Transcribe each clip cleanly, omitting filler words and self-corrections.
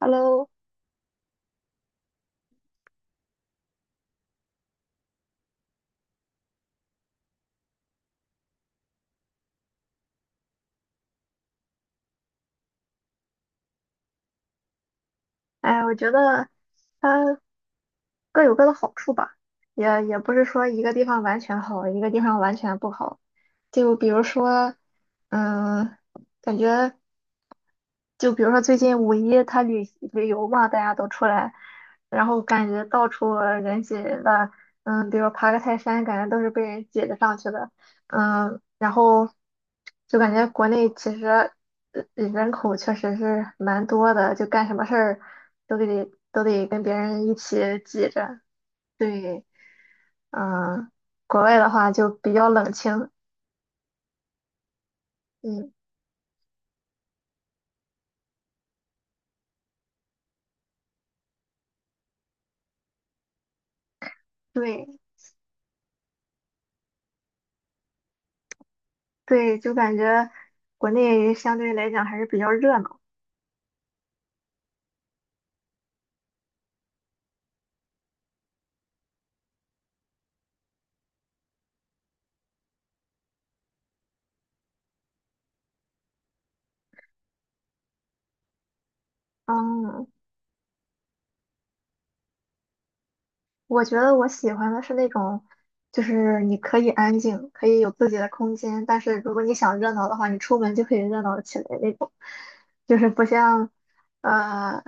Hello，哎，我觉得它各有各的好处吧，也不是说一个地方完全好，一个地方完全不好。就比如说，嗯，感觉。就比如说最近五一他旅游嘛，大家都出来，然后感觉到处人挤人的，嗯，比如爬个泰山，感觉都是被人挤着上去的，嗯，然后就感觉国内其实人口确实是蛮多的，就干什么事儿都得跟别人一起挤着，对，嗯，国外的话就比较冷清，嗯，对对，就感觉国内相对来讲还是比较热闹。嗯，我觉得我喜欢的是那种，就是你可以安静，可以有自己的空间，但是如果你想热闹的话，你出门就可以热闹起来那种，就是不像，呃，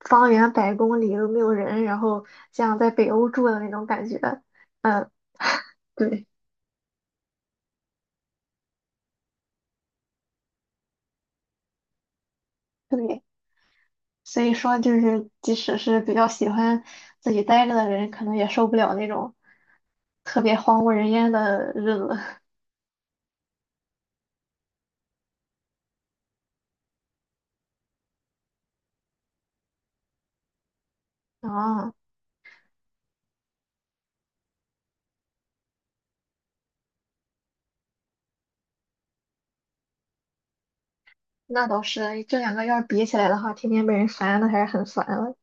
方圆100公里都没有人，然后像在北欧住的那种感觉。嗯，对对，所以说就是，即使是比较喜欢自己待着的人，可能也受不了那种特别荒无人烟的日子。啊。那倒是，这两个要是比起来的话，天天被人烦，那还是很烦了。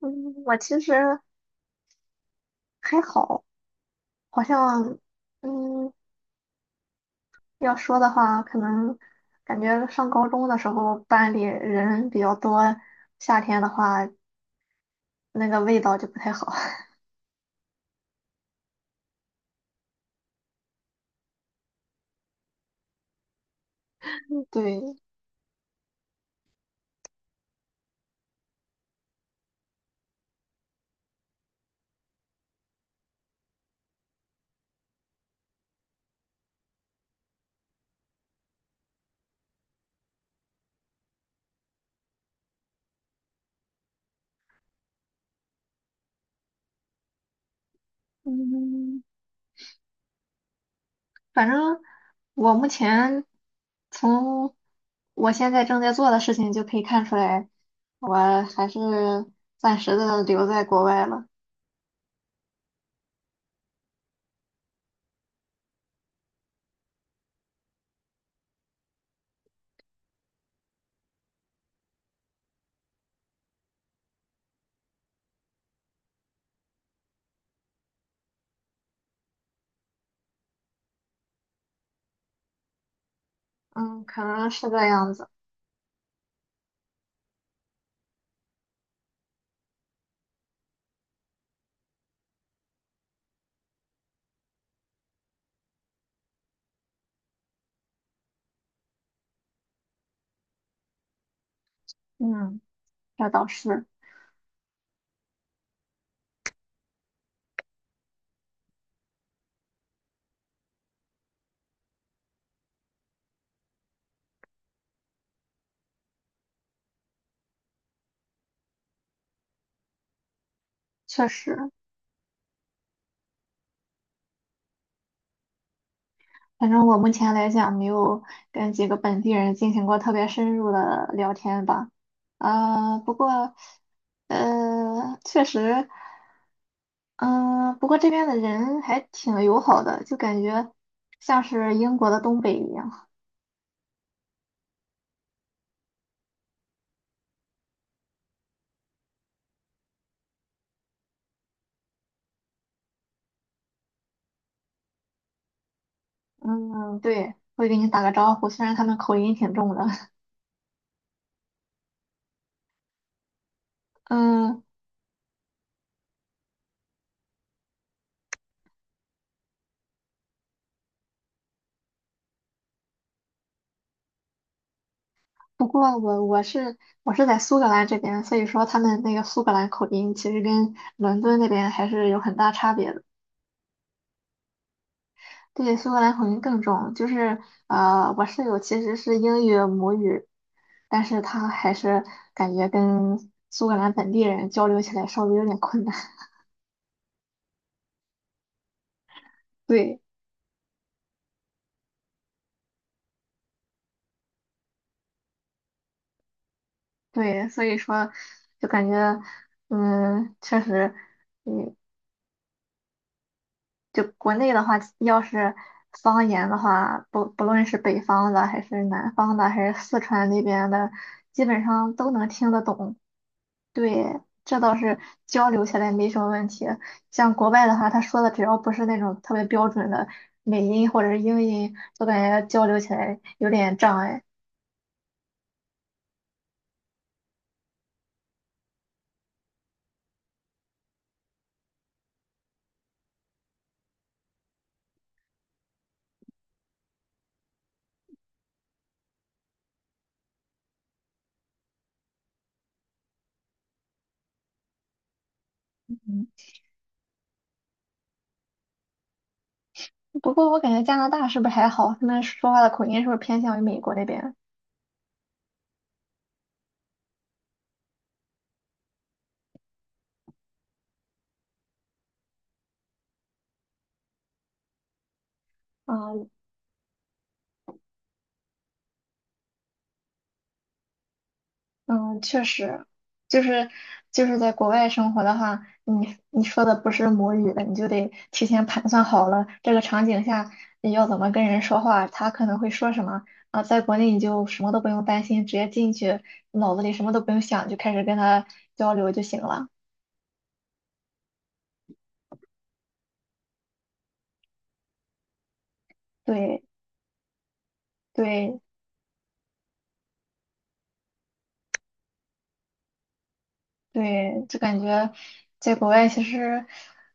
嗯，我其实还好，好像，嗯，要说的话，可能感觉上高中的时候班里人比较多，夏天的话那个味道就不太好。对，嗯，反正我目前从我现在正在做的事情就可以看出来，我还是暂时的留在国外了。嗯，可能是这样子。嗯，这倒是，确实。反正我目前来讲，没有跟几个本地人进行过特别深入的聊天吧。啊、不过，确实，嗯、不过这边的人还挺友好的，就感觉像是英国的东北一样。嗯，对，会给你打个招呼，虽然他们口音挺重的。嗯。不过我是在苏格兰这边，所以说他们那个苏格兰口音其实跟伦敦那边还是有很大差别的。对，苏格兰口音更重，就是我室友其实是英语母语，但是他还是感觉跟苏格兰本地人交流起来稍微有点困难。对对，所以说就感觉确实。嗯。就国内的话，要是方言的话，不论是北方的，还是南方的，还是四川那边的，基本上都能听得懂。对，这倒是交流起来没什么问题。像国外的话，他说的只要不是那种特别标准的美音或者是英音，就感觉交流起来有点障碍。嗯，不过我感觉加拿大是不是还好？他们说话的口音是不是偏向于美国那边？啊、嗯，确实，就是就是在国外生活的话，你说的不是母语的，你就得提前盘算好了这个场景下你要怎么跟人说话，他可能会说什么啊。在国内你就什么都不用担心，直接进去，脑子里什么都不用想，就开始跟他交流就行了。对对对，就感觉在国外其实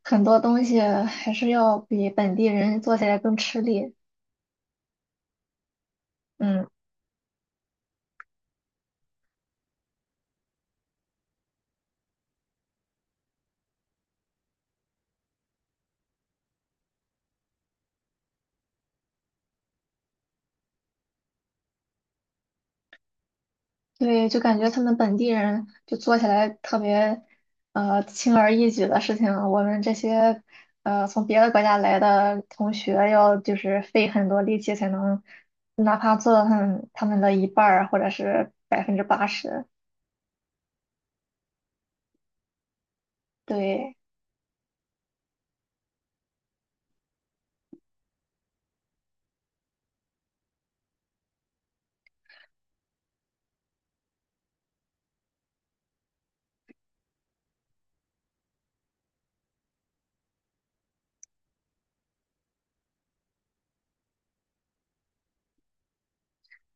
很多东西还是要比本地人做起来更吃力。嗯。对，就感觉他们本地人就做起来特别，轻而易举的事情，我们这些，从别的国家来的同学要就是费很多力气才能，哪怕做到他们的一半儿或者是80%。对，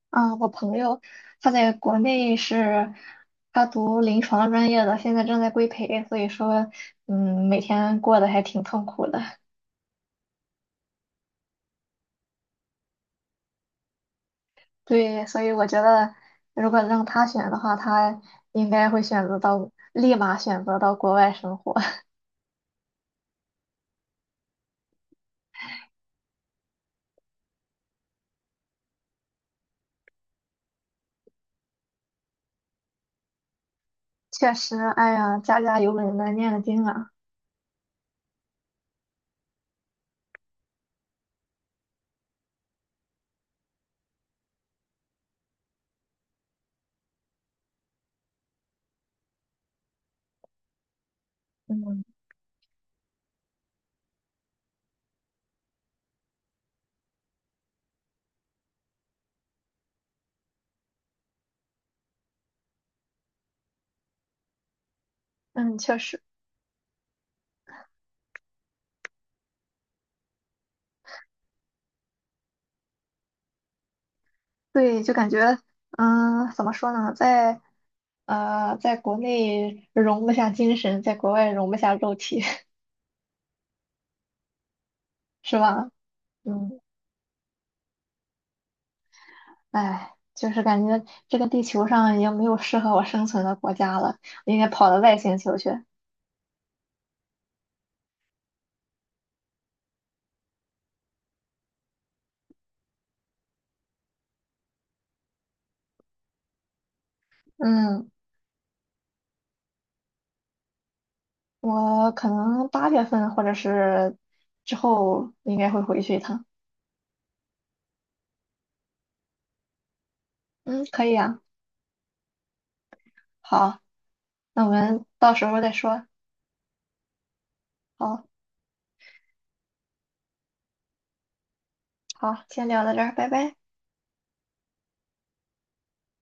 啊，我朋友他在国内是，他读临床专业的，现在正在规培，所以说，嗯，每天过得还挺痛苦的。对，所以我觉得，如果让他选的话，他应该会选择到，立马选择到国外生活。确实，哎呀，家家有本难念的经啊。嗯嗯，确实，对，就感觉，嗯，怎么说呢，在国内容不下精神，在国外容不下肉体，是吧？嗯，哎，就是感觉这个地球上已经没有适合我生存的国家了，我应该跑到外星球去。嗯。我可能8月份或者是之后应该会回去一趟。嗯，可以啊。好，那我们到时候再说。好，好，先聊到这儿，拜拜。